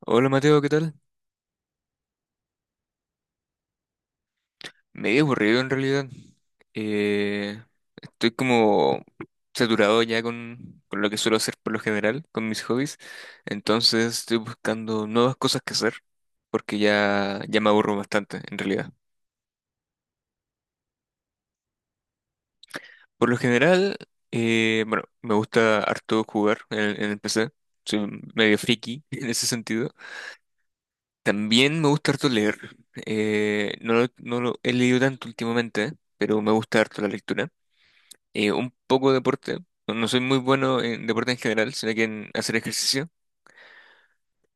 Hola Mateo, ¿qué tal? Medio aburrido en realidad. Eh, Estoy como saturado ya con lo que suelo hacer por lo general, con mis hobbies. Entonces estoy buscando nuevas cosas que hacer porque ya me aburro bastante en realidad. Por lo general, bueno, me gusta harto jugar en el PC. Soy medio friki en ese sentido. También me gusta harto leer. No, no lo he leído tanto últimamente, pero me gusta harto la lectura. Un poco de deporte. No, no soy muy bueno en deporte en general, sino que en hacer ejercicio.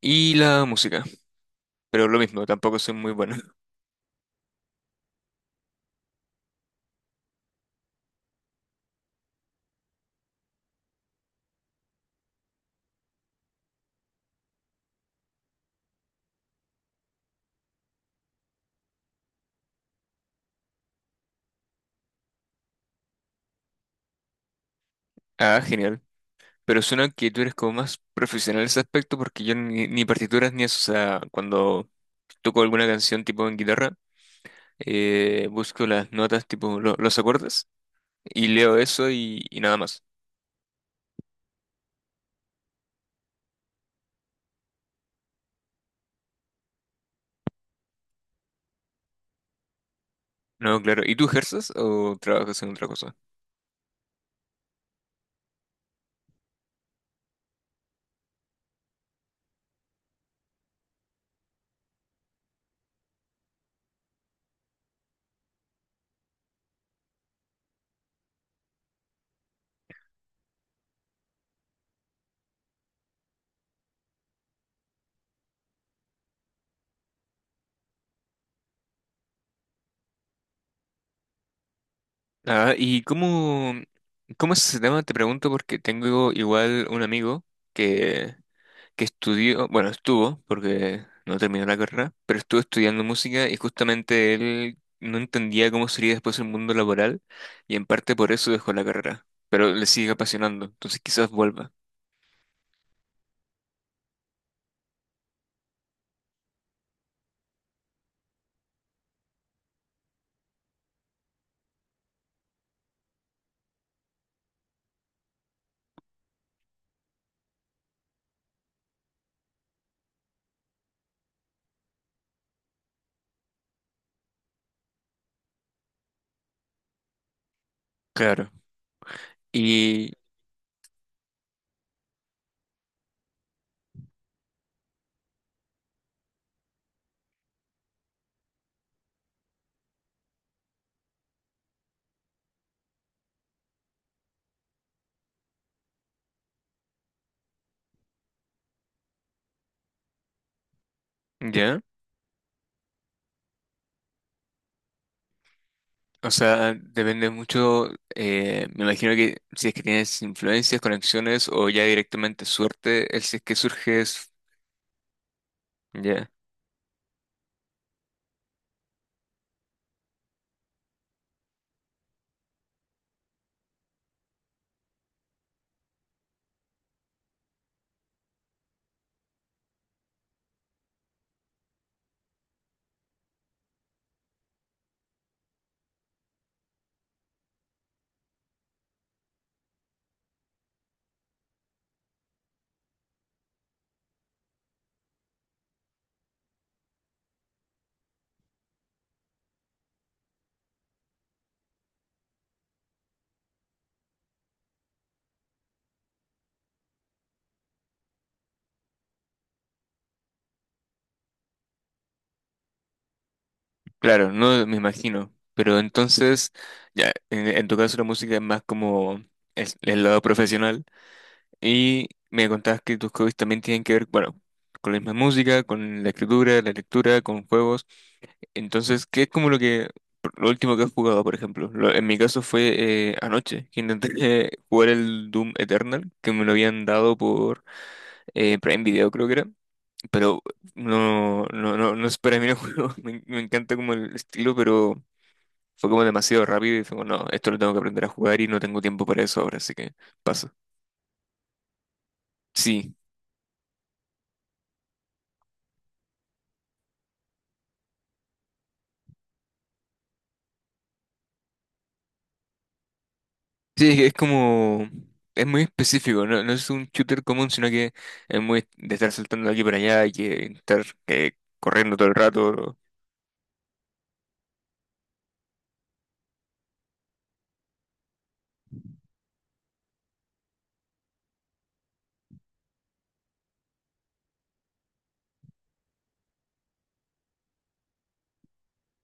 Y la música. Pero lo mismo, tampoco soy muy bueno. Ah, genial. Pero suena que tú eres como más profesional en ese aspecto porque yo ni partituras ni eso. O sea, cuando toco alguna canción tipo en guitarra, busco las notas tipo los acordes y leo eso y nada más. No, claro. ¿Y tú ejerces o trabajas en otra cosa? Ah, ¿cómo es ese tema? Te pregunto porque tengo igual un amigo que, que estudió, bueno, estuvo, porque no terminó la carrera, pero estuvo estudiando música y justamente él no entendía cómo sería después el mundo laboral y en parte por eso dejó la carrera, pero le sigue apasionando, entonces quizás vuelva. Claro. Y ya, o sea, depende mucho, me imagino que si es que tienes influencias, conexiones o ya directamente suerte, el si es que surge. Ya, claro, no me imagino. Pero entonces, ya, en tu caso la música es más como el lado profesional. Y me contabas que tus hobbies también tienen que ver, bueno, con la misma música, con la escritura, la lectura, con juegos. Entonces, ¿qué es como lo que, ¿lo último que has jugado, por ejemplo? En mi caso fue anoche, que intenté jugar el Doom Eternal, que me lo habían dado por Prime Video, creo que era. Pero no, no, no, no es para mí el juego. Me encanta como el estilo, pero fue como demasiado rápido y fue como, no, esto lo tengo que aprender a jugar y no tengo tiempo para eso ahora, así que paso. Sí, sí, es que es como... Es muy específico, no, no es un shooter común, sino que es muy de estar saltando de aquí para allá y que estar corriendo todo el rato.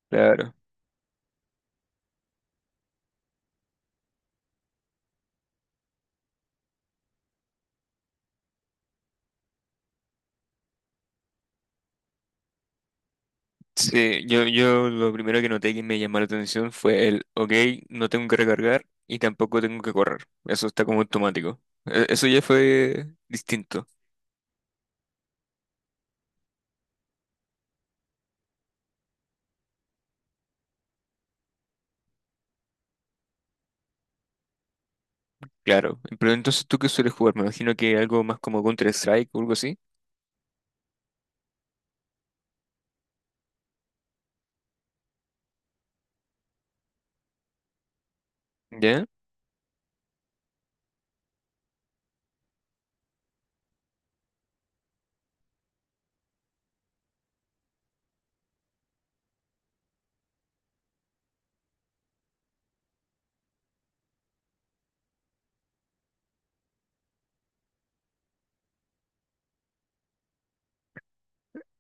Claro. Sí, yo lo primero que noté que me llamó la atención fue el, ok, no tengo que recargar y tampoco tengo que correr. Eso está como automático. E- Eso ya fue distinto, claro. Pero entonces, ¿tú qué sueles jugar? Me imagino que algo más como Counter-Strike o algo así. ¿Ya?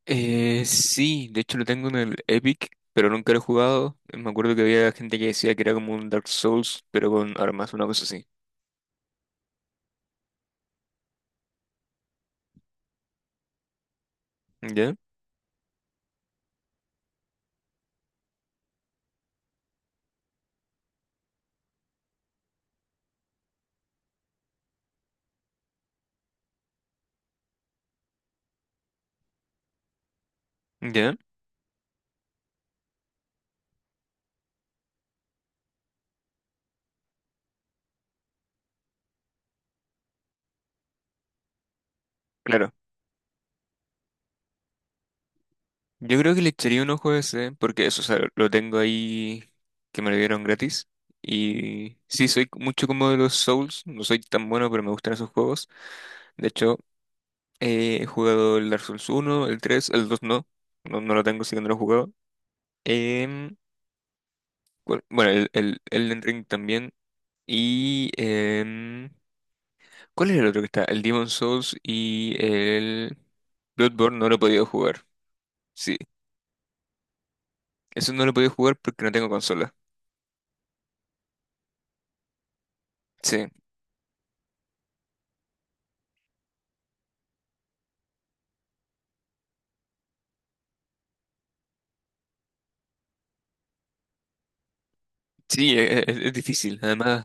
Sí, de hecho lo tengo en el Epic, pero nunca lo he jugado. Me acuerdo que había gente que decía que era como un Dark Souls, pero con armas, una cosa así. ¿Ya? ¿Ya? Yo creo que le echaría un ojo a ese, porque eso, o sea, lo tengo ahí que me lo dieron gratis. Y sí, soy mucho como de los Souls, no soy tan bueno, pero me gustan esos juegos. De hecho, he jugado el Dark Souls uno el 3 el 2 no, no, no lo tengo, así que no lo he jugado. Em, ¿cuál- bueno, el Elden Ring también. Y... em, ¿cuál era el otro que está? El Demon Souls y el Bloodborne no lo he podido jugar. Sí, eso no lo he podido jugar porque no tengo consola. Sí. Sí, es difícil. Además,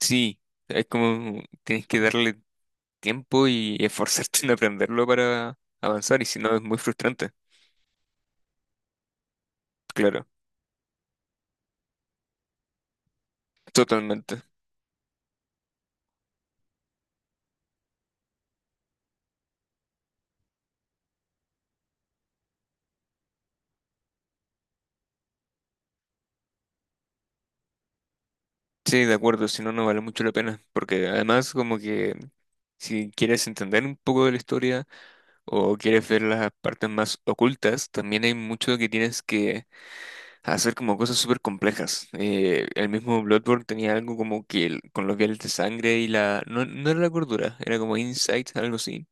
sí, es como tienes que darle tiempo y esforzarte en aprenderlo para avanzar y si no es muy frustrante. Claro, totalmente. Sí, de acuerdo, si no, no vale mucho la pena. Porque además como que si quieres entender un poco de la historia o quieres ver las partes más ocultas, también hay mucho que tienes que a hacer como cosas súper complejas. El mismo Bloodborne tenía algo como que con los viales de sangre y la... No, no era la cordura, era como Insight, algo así.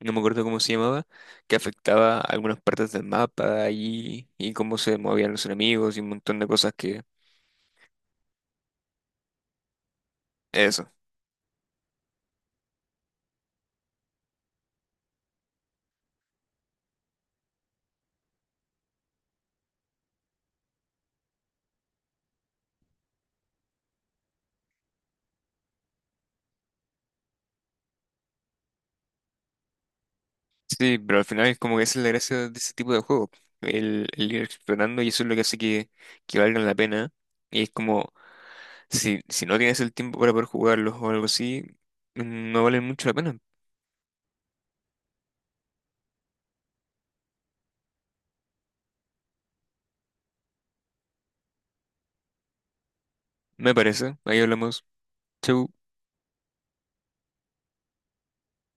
No me acuerdo cómo se llamaba, que afectaba algunas partes del mapa y cómo se movían los enemigos y un montón de cosas que... Eso. Sí, pero al final es como que esa es la gracia de ese tipo de juego. El ir explorando y eso es lo que hace que valgan la pena. Y es como, si, si no tienes el tiempo para poder jugarlos o algo así, no valen mucho la pena. Me parece. Ahí hablamos. Chau.